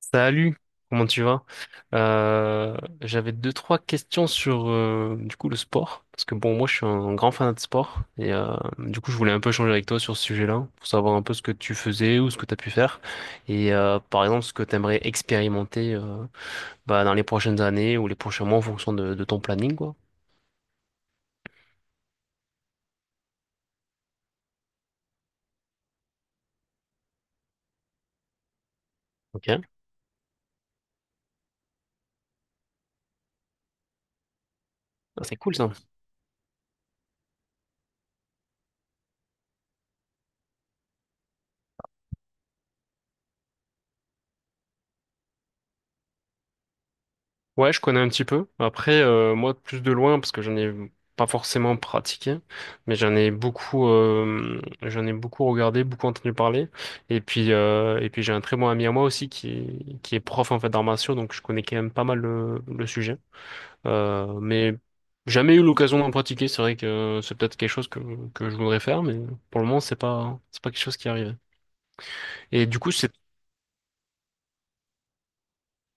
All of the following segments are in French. Salut, comment tu vas? Euh, J'avais deux, trois questions sur du coup le sport, parce que bon, moi je suis un grand fan de sport, et du coup je voulais un peu changer avec toi sur ce sujet-là, pour savoir un peu ce que tu faisais ou ce que tu as pu faire, et par exemple ce que tu aimerais expérimenter bah, dans les prochaines années ou les prochains mois en fonction de ton planning, quoi. Ok, ah, c'est cool ça. Ouais, je connais un petit peu. Après, moi, plus de loin, parce que j'en ai pas forcément pratiqué, mais j'en ai beaucoup, j'en ai beaucoup regardé, beaucoup entendu parler. Et puis j'ai un très bon ami à moi aussi qui est prof en fait d'arts martiaux, donc je connais quand même pas mal le sujet. Mais jamais eu l'occasion d'en pratiquer. C'est vrai que c'est peut-être quelque chose que je voudrais faire, mais pour le moment, c'est pas quelque chose qui arrive. Et du coup, c'est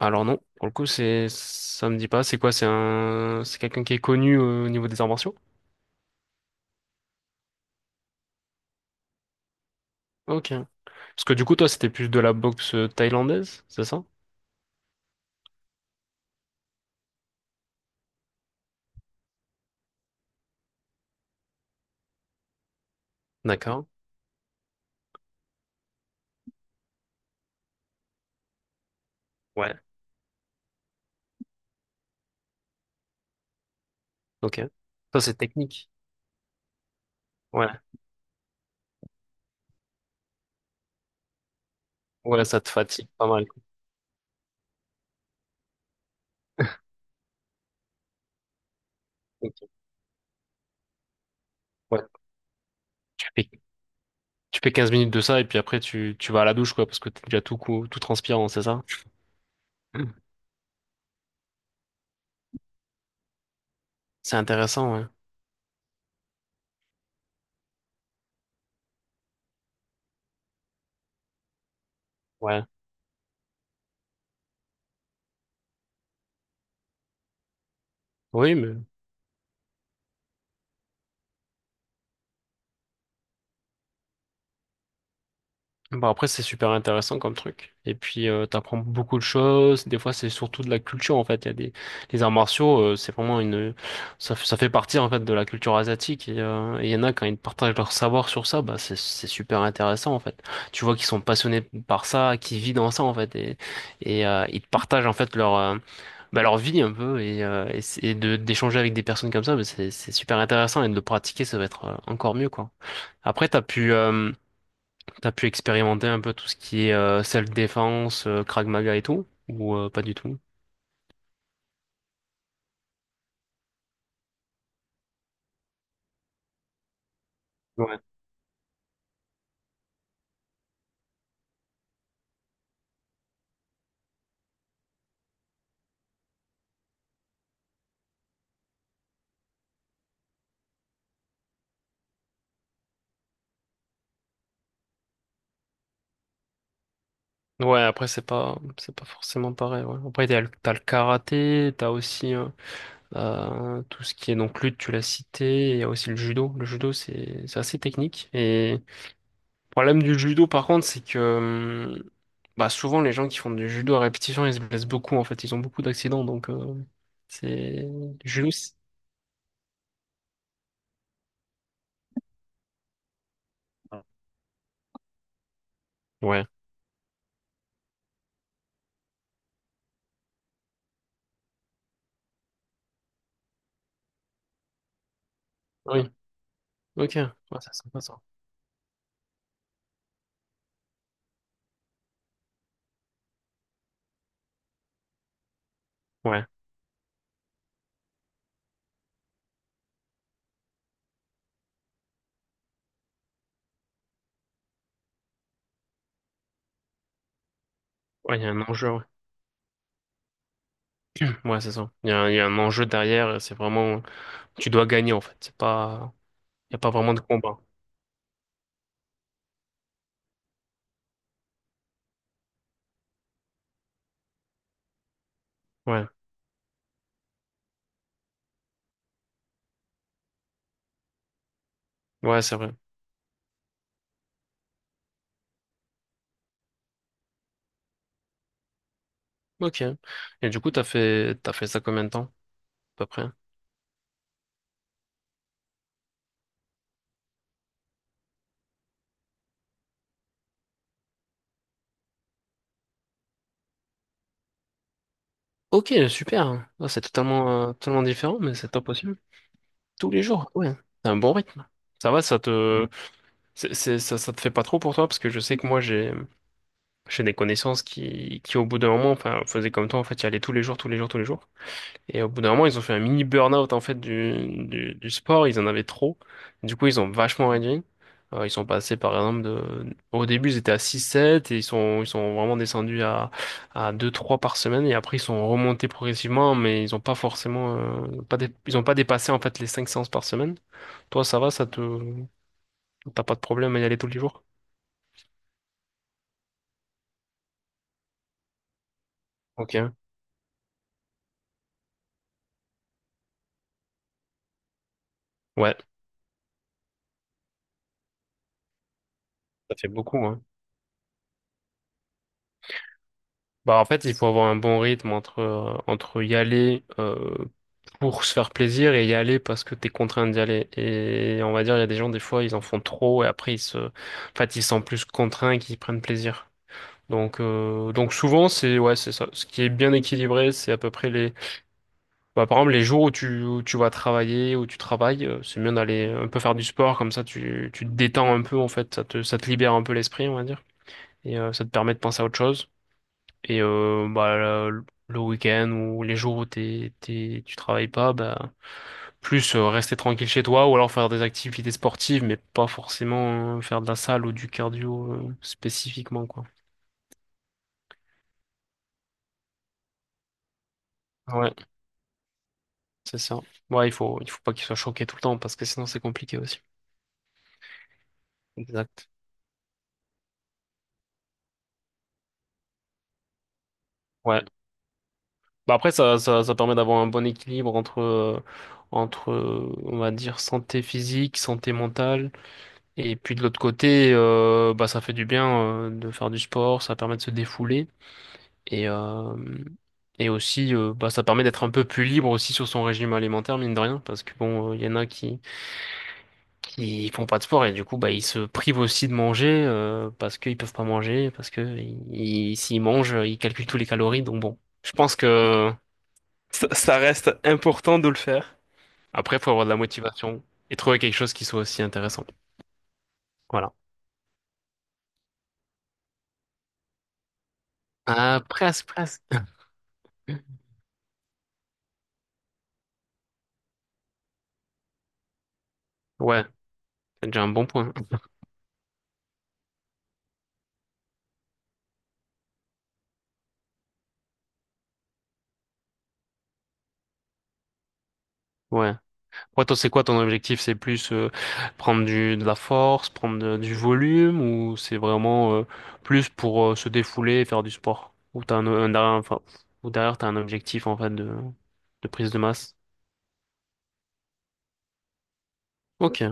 alors non, pour le coup, c'est, ça me dit pas. C'est quoi? C'est quelqu'un qui est connu au niveau des arts martiaux? Ok. Parce que du coup, toi, c'était plus de la boxe thaïlandaise, c'est ça? D'accord. Ouais. Ok. Ça, c'est technique. Ouais. Ouais, ça te fatigue pas mal. quoi. Ok. Ouais. Tu fais, Tu fais 15 minutes de ça et puis après, tu vas à la douche, quoi, parce que t'es déjà tout, tout transpirant, c'est ça? C'est intéressant, ouais. Ouais. Oui, mais. Bon, après, c'est super intéressant comme truc. Et puis, t'apprends beaucoup de choses. Des fois, c'est surtout de la culture, en fait. Il y a des, les arts martiaux, c'est vraiment une, ça fait partie, en fait, de la culture asiatique. Et il y en a, quand ils partagent leur savoir sur ça, bah, c'est super intéressant, en fait. Tu vois qu'ils sont passionnés par ça, qu'ils vivent dans ça, en fait. Et ils partagent, en fait, leur, bah, leur vie, un peu. Et, et d'échanger avec des personnes comme ça, bah, c'est super intéressant. Et de le pratiquer, ça va être encore mieux, quoi. Après, t'as pu expérimenter un peu tout ce qui est self-défense, Krav Maga et tout? Ou pas du tout? Ouais. Ouais, après, c'est pas forcément pareil. Ouais. Après, t'as t'as le karaté, t'as aussi tout ce qui est donc lutte, tu l'as cité, et il y a aussi le judo. Le judo, c'est assez technique. Et le problème du judo, par contre, c'est que bah, souvent, les gens qui font du judo à répétition, ils se blessent beaucoup, en fait. Ils ont beaucoup d'accidents, donc c'est... Le judo, c'est- Ouais. Oui. Ok. Ouais, ça, c'est sympa, ça. Ouais. Ouais, il y a un enjeu, ouais. Ouais, c'est ça. Il y a, il y a un enjeu derrière, et c'est vraiment... Tu dois gagner, en fait. C'est pas... Il n'y a pas vraiment de combat. Ouais, ouais, c'est vrai. Ok. Et du coup, t'as fait ça combien de temps, à peu près? Ok, super. Ah, c'est totalement, totalement différent, mais c'est top aussi. Tous les jours, ouais. C'est un bon rythme. Ça va, ça te... ça te fait pas trop pour toi, parce que je sais que moi, j'ai... J'ai des connaissances qui au bout d'un moment, enfin, faisaient comme toi, en fait, y allaient tous les jours, tous les jours, tous les jours. Et au bout d'un moment, ils ont fait un mini burn-out en fait du sport. Ils en avaient trop. Du coup, ils ont vachement réduit. Ils sont passés par exemple de... Au début, ils étaient à six sept et ils sont vraiment descendus à deux trois par semaine. Et après, ils sont remontés progressivement, mais ils ont pas forcément... pas dé- Ils ont pas dépassé en fait les 5 séances par semaine. Toi, ça va, ça te... T'as pas de problème à y aller tous les jours? Ok, ouais, ça fait beaucoup, hein. Bah en fait, il faut avoir un bon rythme entre entre y aller. Pour se faire plaisir et y aller parce que t'es contraint d'y aller. Et on va dire, il y a des gens, des fois, ils en font trop et après, ils se, en fait, ils se sentent plus contraints qu'ils prennent plaisir. Donc souvent, c'est, ouais, c'est ça. Ce qui est bien équilibré, c'est à peu près les, bah, par exemple, les jours où tu vas travailler, où tu travailles, c'est bien d'aller un peu faire du sport, comme ça, tu te détends un peu, en fait, ça te libère un peu l'esprit, on va dire. Et ça te permet de penser à autre chose. Et bah, le week-end ou les jours où tu travailles pas, bah, plus rester tranquille chez toi ou alors faire des activités sportives, mais pas forcément faire de la salle ou du cardio spécifiquement, quoi. Ouais, c'est ça. Ouais, il faut pas qu'il soit choqué tout le temps parce que sinon c'est compliqué aussi. Exact. Ouais. Bah après, ça permet d'avoir un bon équilibre entre, entre, on va dire, santé physique, santé mentale. Et puis de l'autre côté, bah ça fait du bien de faire du sport, ça permet de se défouler et euh, et aussi bah ça permet d'être un peu plus libre aussi sur son régime alimentaire mine de rien parce que bon il y en a qui font pas de sport et du coup bah ils se privent aussi de manger parce qu'ils peuvent pas manger parce que s'ils mangent ils calculent tous les calories donc bon je pense que ça reste important de le faire. Après faut avoir de la motivation et trouver quelque chose qui soit aussi intéressant. Voilà. Ah presque presque. Ouais. C'est déjà un bon point. Ouais. Ouais, toi, c'est quoi ton objectif? C'est plus prendre de la force, du volume, ou c'est vraiment plus pour se défouler et faire du sport? Ou un derrière, enfin, ou derrière t'as un objectif en fait de prise de masse? Ok,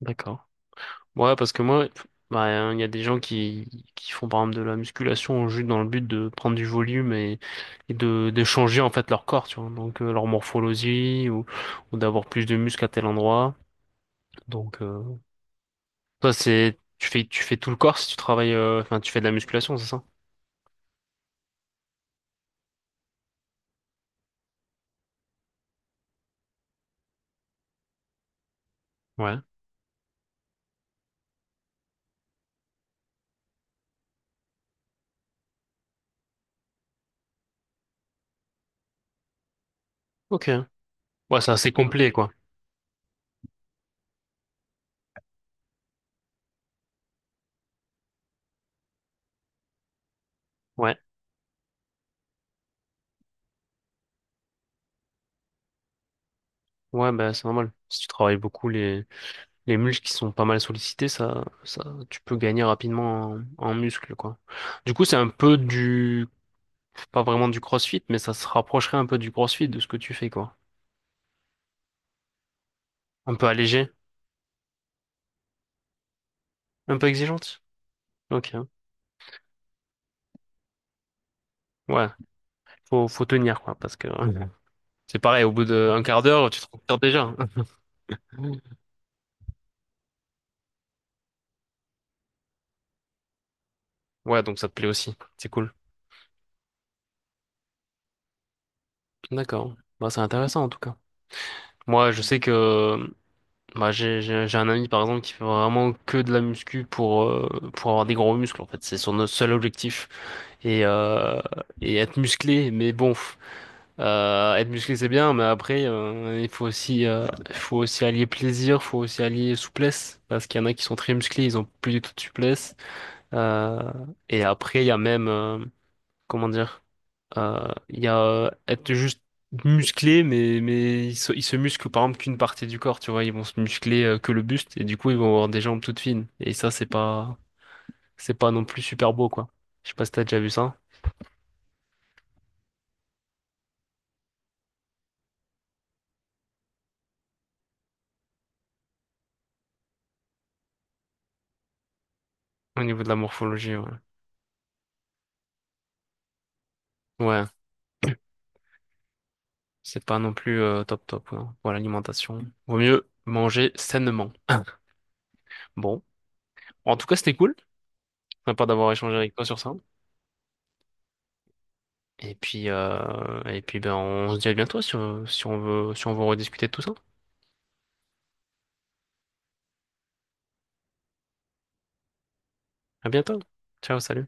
d'accord. Ouais, parce que moi, bah, hein, il y a des gens qui font par exemple de la musculation juste dans le but de prendre du volume et de changer en fait leur corps, tu vois. Donc leur morphologie ou d'avoir plus de muscles à tel endroit. Donc, toi, c'est tu fais tout le corps si tu travailles enfin tu fais de la musculation, c'est ça? Ouais. OK. Ouais, c'est assez complet quoi. Ouais. Ouais, bah c'est normal. Si tu travailles beaucoup les muscles qui sont pas mal sollicités, ça ça tu peux gagner rapidement en, en muscles quoi. Du coup, c'est un peu du pas vraiment du CrossFit, mais ça se rapprocherait un peu du CrossFit de ce que tu fais quoi. Un peu allégé, un peu exigeante. OK. Ouais, faut tenir quoi parce que mhm, c'est pareil au bout d'un quart d'heure, tu te repères déjà. Ouais, donc ça te plaît aussi. C'est cool. D'accord. Bah, c'est intéressant en tout cas. Moi, je sais que bah, j'ai un ami par exemple qui fait vraiment que de la muscu pour avoir des gros muscles en fait. C'est son seul objectif. Et, euh, et être musclé, mais bon, pff, être musclé c'est bien, mais après il faut aussi allier plaisir, faut aussi allier souplesse. Parce qu'il y en a qui sont très musclés, ils ont plus du tout de souplesse. Euh, et après, il y a même, comment dire? Il y a être juste musclé, mais ils se musclent par exemple qu'une partie du corps, tu vois. Ils vont se muscler que le buste et du coup, ils vont avoir des jambes toutes fines. Et ça, c'est pas non plus super beau, quoi. Je sais pas si t'as déjà vu ça au niveau de la morphologie, ouais. Ouais, c'est pas non plus top top, quoi. Pour l'alimentation, vaut mieux manger sainement. Bon, en tout cas, c'était cool. Sympa d'avoir échangé avec toi sur ça. Et puis ben, on se dit à bientôt si on, si on veut rediscuter de tout ça. À bientôt. Ciao, salut.